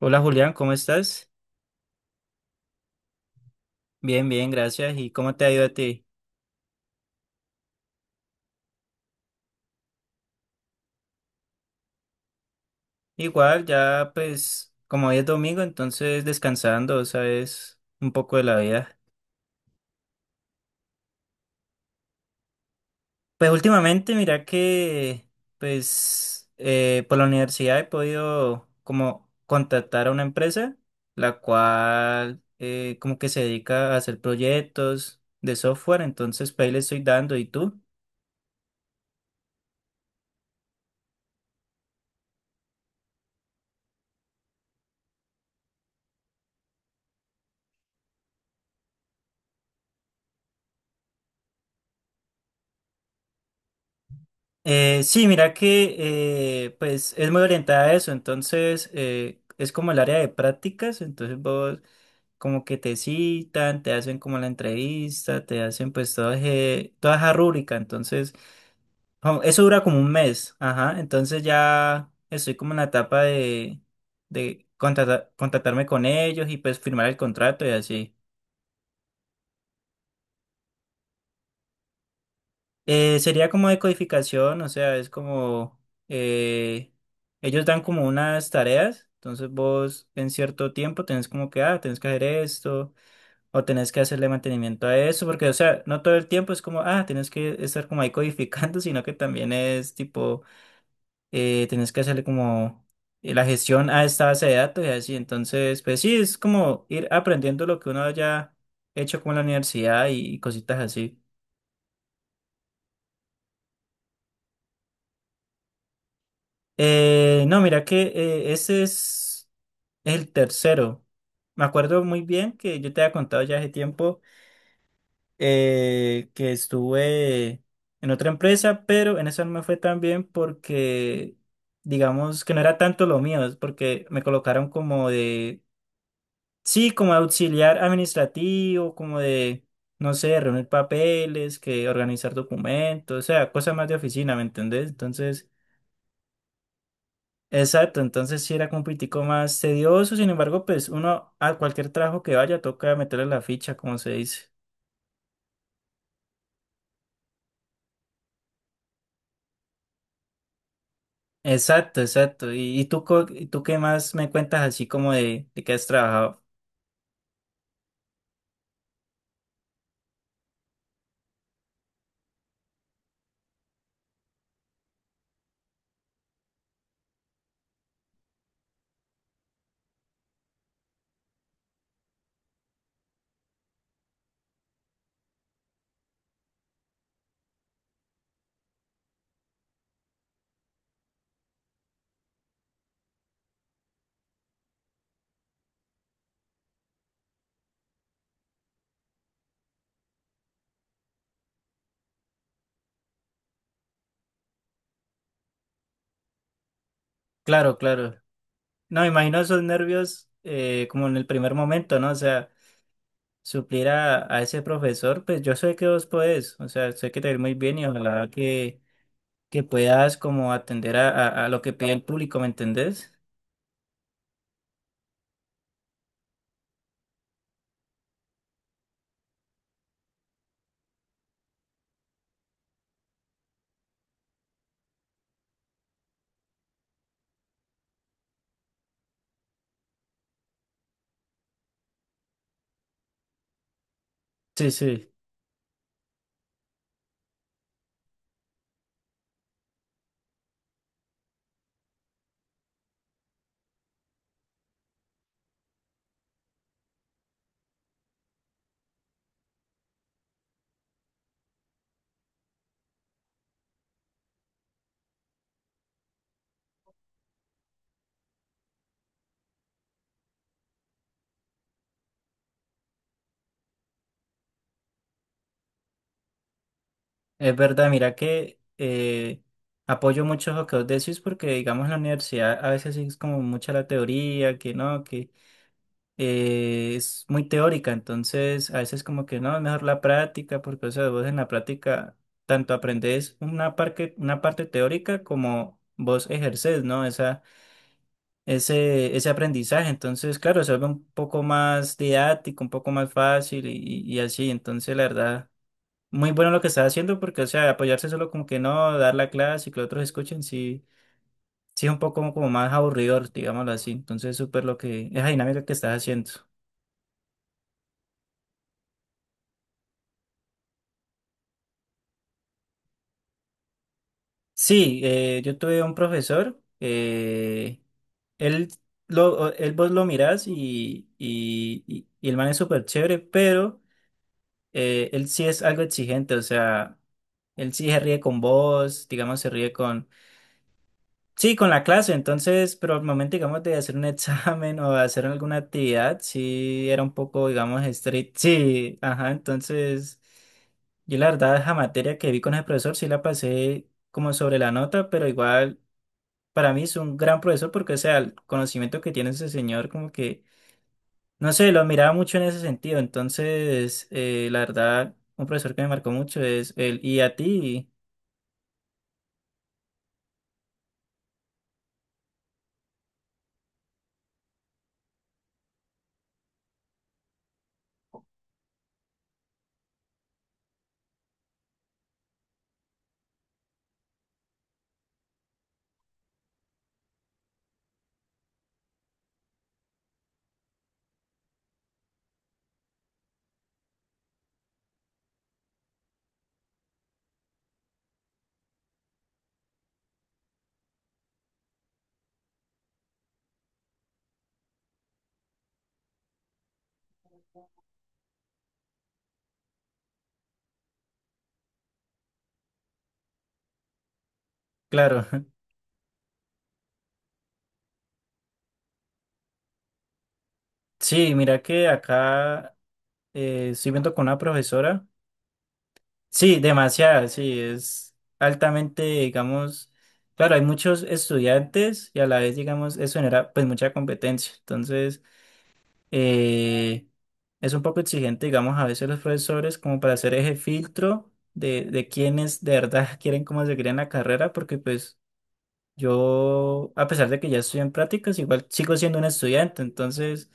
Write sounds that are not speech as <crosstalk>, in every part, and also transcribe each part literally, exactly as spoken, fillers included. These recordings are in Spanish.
Hola Julián, ¿cómo estás? Bien, bien, gracias. ¿Y cómo te ha ido a ti? Igual, ya pues como hoy es domingo, entonces descansando, ¿sabes? Un poco de la vida. Pues últimamente, mira que pues eh, por la universidad he podido como contactar a una empresa, la cual eh, como que se dedica a hacer proyectos de software, entonces pues ahí le estoy dando. ¿Y tú? Eh, sí, mira que eh, pues es muy orientada a eso, entonces eh, es como el área de prácticas, entonces vos como que te citan, te hacen como la entrevista, te hacen pues toda, eje- toda esa rúbrica, entonces como- eso dura como un mes, ajá, entonces ya estoy como en la etapa de, de contratar- contratarme con ellos y pues firmar el contrato y así. Eh, sería como decodificación, o sea, es como eh, ellos dan como unas tareas, entonces vos en cierto tiempo tenés como que, ah, tenés que hacer esto, o tenés que hacerle mantenimiento a eso, porque, o sea, no todo el tiempo es como, ah, tenés que estar como ahí codificando, <laughs> sino que también es tipo, eh, tenés que hacerle como eh, la gestión a esta base de datos y así, entonces, pues sí, es como ir aprendiendo lo que uno haya hecho como en la universidad y cositas así. Eh, no, mira que eh, ese es el tercero. Me acuerdo muy bien que yo te había contado ya hace tiempo eh, que estuve en otra empresa, pero en esa no me fue tan bien porque, digamos, que no era tanto lo mío, es porque me colocaron como de, sí, como auxiliar administrativo, como de, no sé, reunir papeles, que organizar documentos, o sea, cosas más de oficina, ¿me entendés? Entonces... Exacto, entonces sí era como un poquitico más tedioso, sin embargo, pues uno a cualquier trabajo que vaya toca meterle la ficha, como se dice. Exacto, exacto. ¿Y, y tú, co- y tú qué más me cuentas así como de, de que has trabajado? Claro, claro. No, me imagino esos nervios eh, como en el primer momento, ¿no? O sea, suplir a, a ese profesor, pues yo sé que vos podés, o sea, sé que te va a ir muy bien y ojalá que, que puedas como atender a, a a lo que pide el público, ¿me entendés? Sí, sí. Es verdad, mira que eh, apoyo mucho lo que vos decís porque, digamos, en la universidad a veces sí es como mucha la teoría, que no, que eh, es muy teórica, entonces a veces como que no, es mejor la práctica porque, o sea, vos en la práctica tanto aprendés una parte, una parte teórica como vos ejercés, ¿no? Esa, ese, ese aprendizaje, entonces, claro, se vuelve un poco más didáctico, un poco más fácil y, y y así, entonces, la verdad muy bueno lo que estás haciendo porque, o sea, apoyarse solo como que no, dar la clase y que los otros escuchen, sí, sí es un poco como, como más aburridor, digámoslo así. Entonces, súper lo que, esa dinámica que estás haciendo. Sí, eh, yo tuve un profesor, eh, él, lo, él vos lo mirás y, y, y, y el man es súper chévere, pero eh, él sí es algo exigente, o sea, él sí se ríe con vos, digamos, se ríe con sí, con la clase, entonces, pero al momento, digamos, de hacer un <laughs> examen o de hacer alguna actividad, sí era un poco, digamos, estricto. Sí, ajá, entonces, yo la verdad, esa materia que vi con el profesor, sí la pasé como sobre la nota, pero igual, para mí es un gran profesor porque, o sea, el conocimiento que tiene ese señor, como que, no sé, lo admiraba mucho en ese sentido, entonces, eh, la verdad, un profesor que me marcó mucho es él. Y a ti, claro. <laughs> Sí, mira que acá Eh, estoy viendo con una profesora. Sí, demasiado sí, es altamente, digamos, claro, hay muchos estudiantes y a la vez, digamos, eso genera pues mucha competencia. Entonces, eh, es un poco exigente, digamos, a veces los profesores como para hacer ese filtro de, de quienes de verdad <laughs> quieren como seguir en la carrera, porque pues yo, a pesar de que ya estoy en prácticas, igual sigo siendo un estudiante, entonces...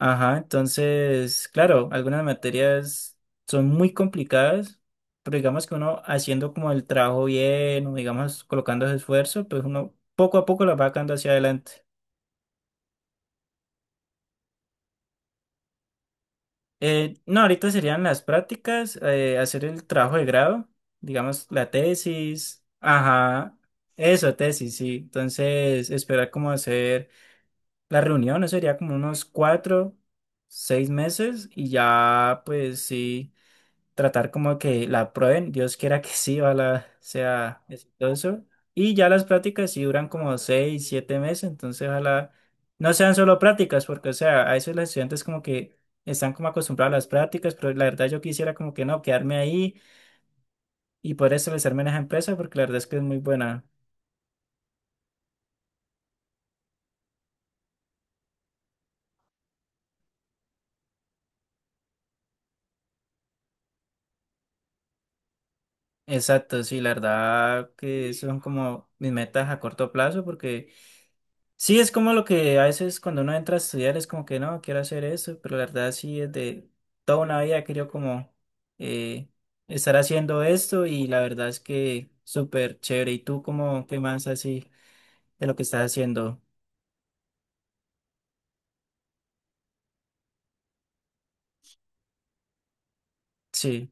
Ajá, entonces, claro, algunas materias son muy complicadas, pero digamos que uno haciendo como el trabajo bien, o digamos colocando ese esfuerzo, pues uno poco a poco la va sacando hacia adelante. Eh, no, ahorita serían las prácticas, eh, hacer el trabajo de grado, digamos la tesis, ajá, eso, tesis, sí. Entonces, esperar como hacer la reunión, eso sería como unos cuatro, seis meses y ya, pues sí. Tratar como que la aprueben, Dios quiera que sí, ojalá sea exitoso. Y ya las prácticas sí duran como seis, siete meses, entonces ojalá no sean solo prácticas, porque o sea, a veces los estudiantes como que están como acostumbrados a las prácticas, pero la verdad yo quisiera como que no, quedarme ahí y poder establecerme en esa empresa, porque la verdad es que es muy buena. Exacto, sí, la verdad que son como mis metas a corto plazo, porque... Sí, es como lo que a veces cuando uno entra a estudiar es como que no, quiero hacer eso, pero la verdad sí, desde toda una vida he querido como eh, estar haciendo esto y la verdad es que súper chévere. ¿Y tú cómo qué más así de lo que estás haciendo? Sí,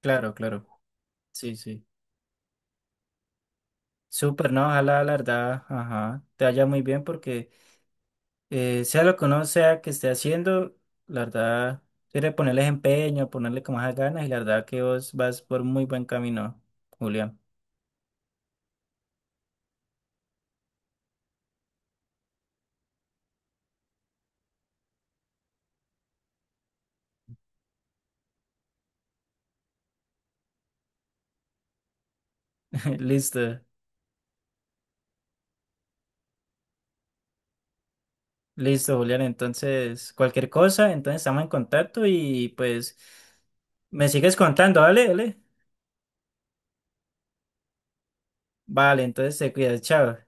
claro, claro. Sí, sí. Súper, ¿no? Ojalá, la verdad, ajá, te vaya muy bien porque eh, sea lo que uno sea que esté haciendo, la verdad, quiere ponerle empeño, ponerle como más ganas y la verdad que vos vas por muy buen camino, Julián. <laughs> Listo, listo, Julián. Entonces, cualquier cosa, entonces estamos en contacto y pues me sigues contando, ¿vale? ¿Vale? Vale, entonces te cuidas, chao.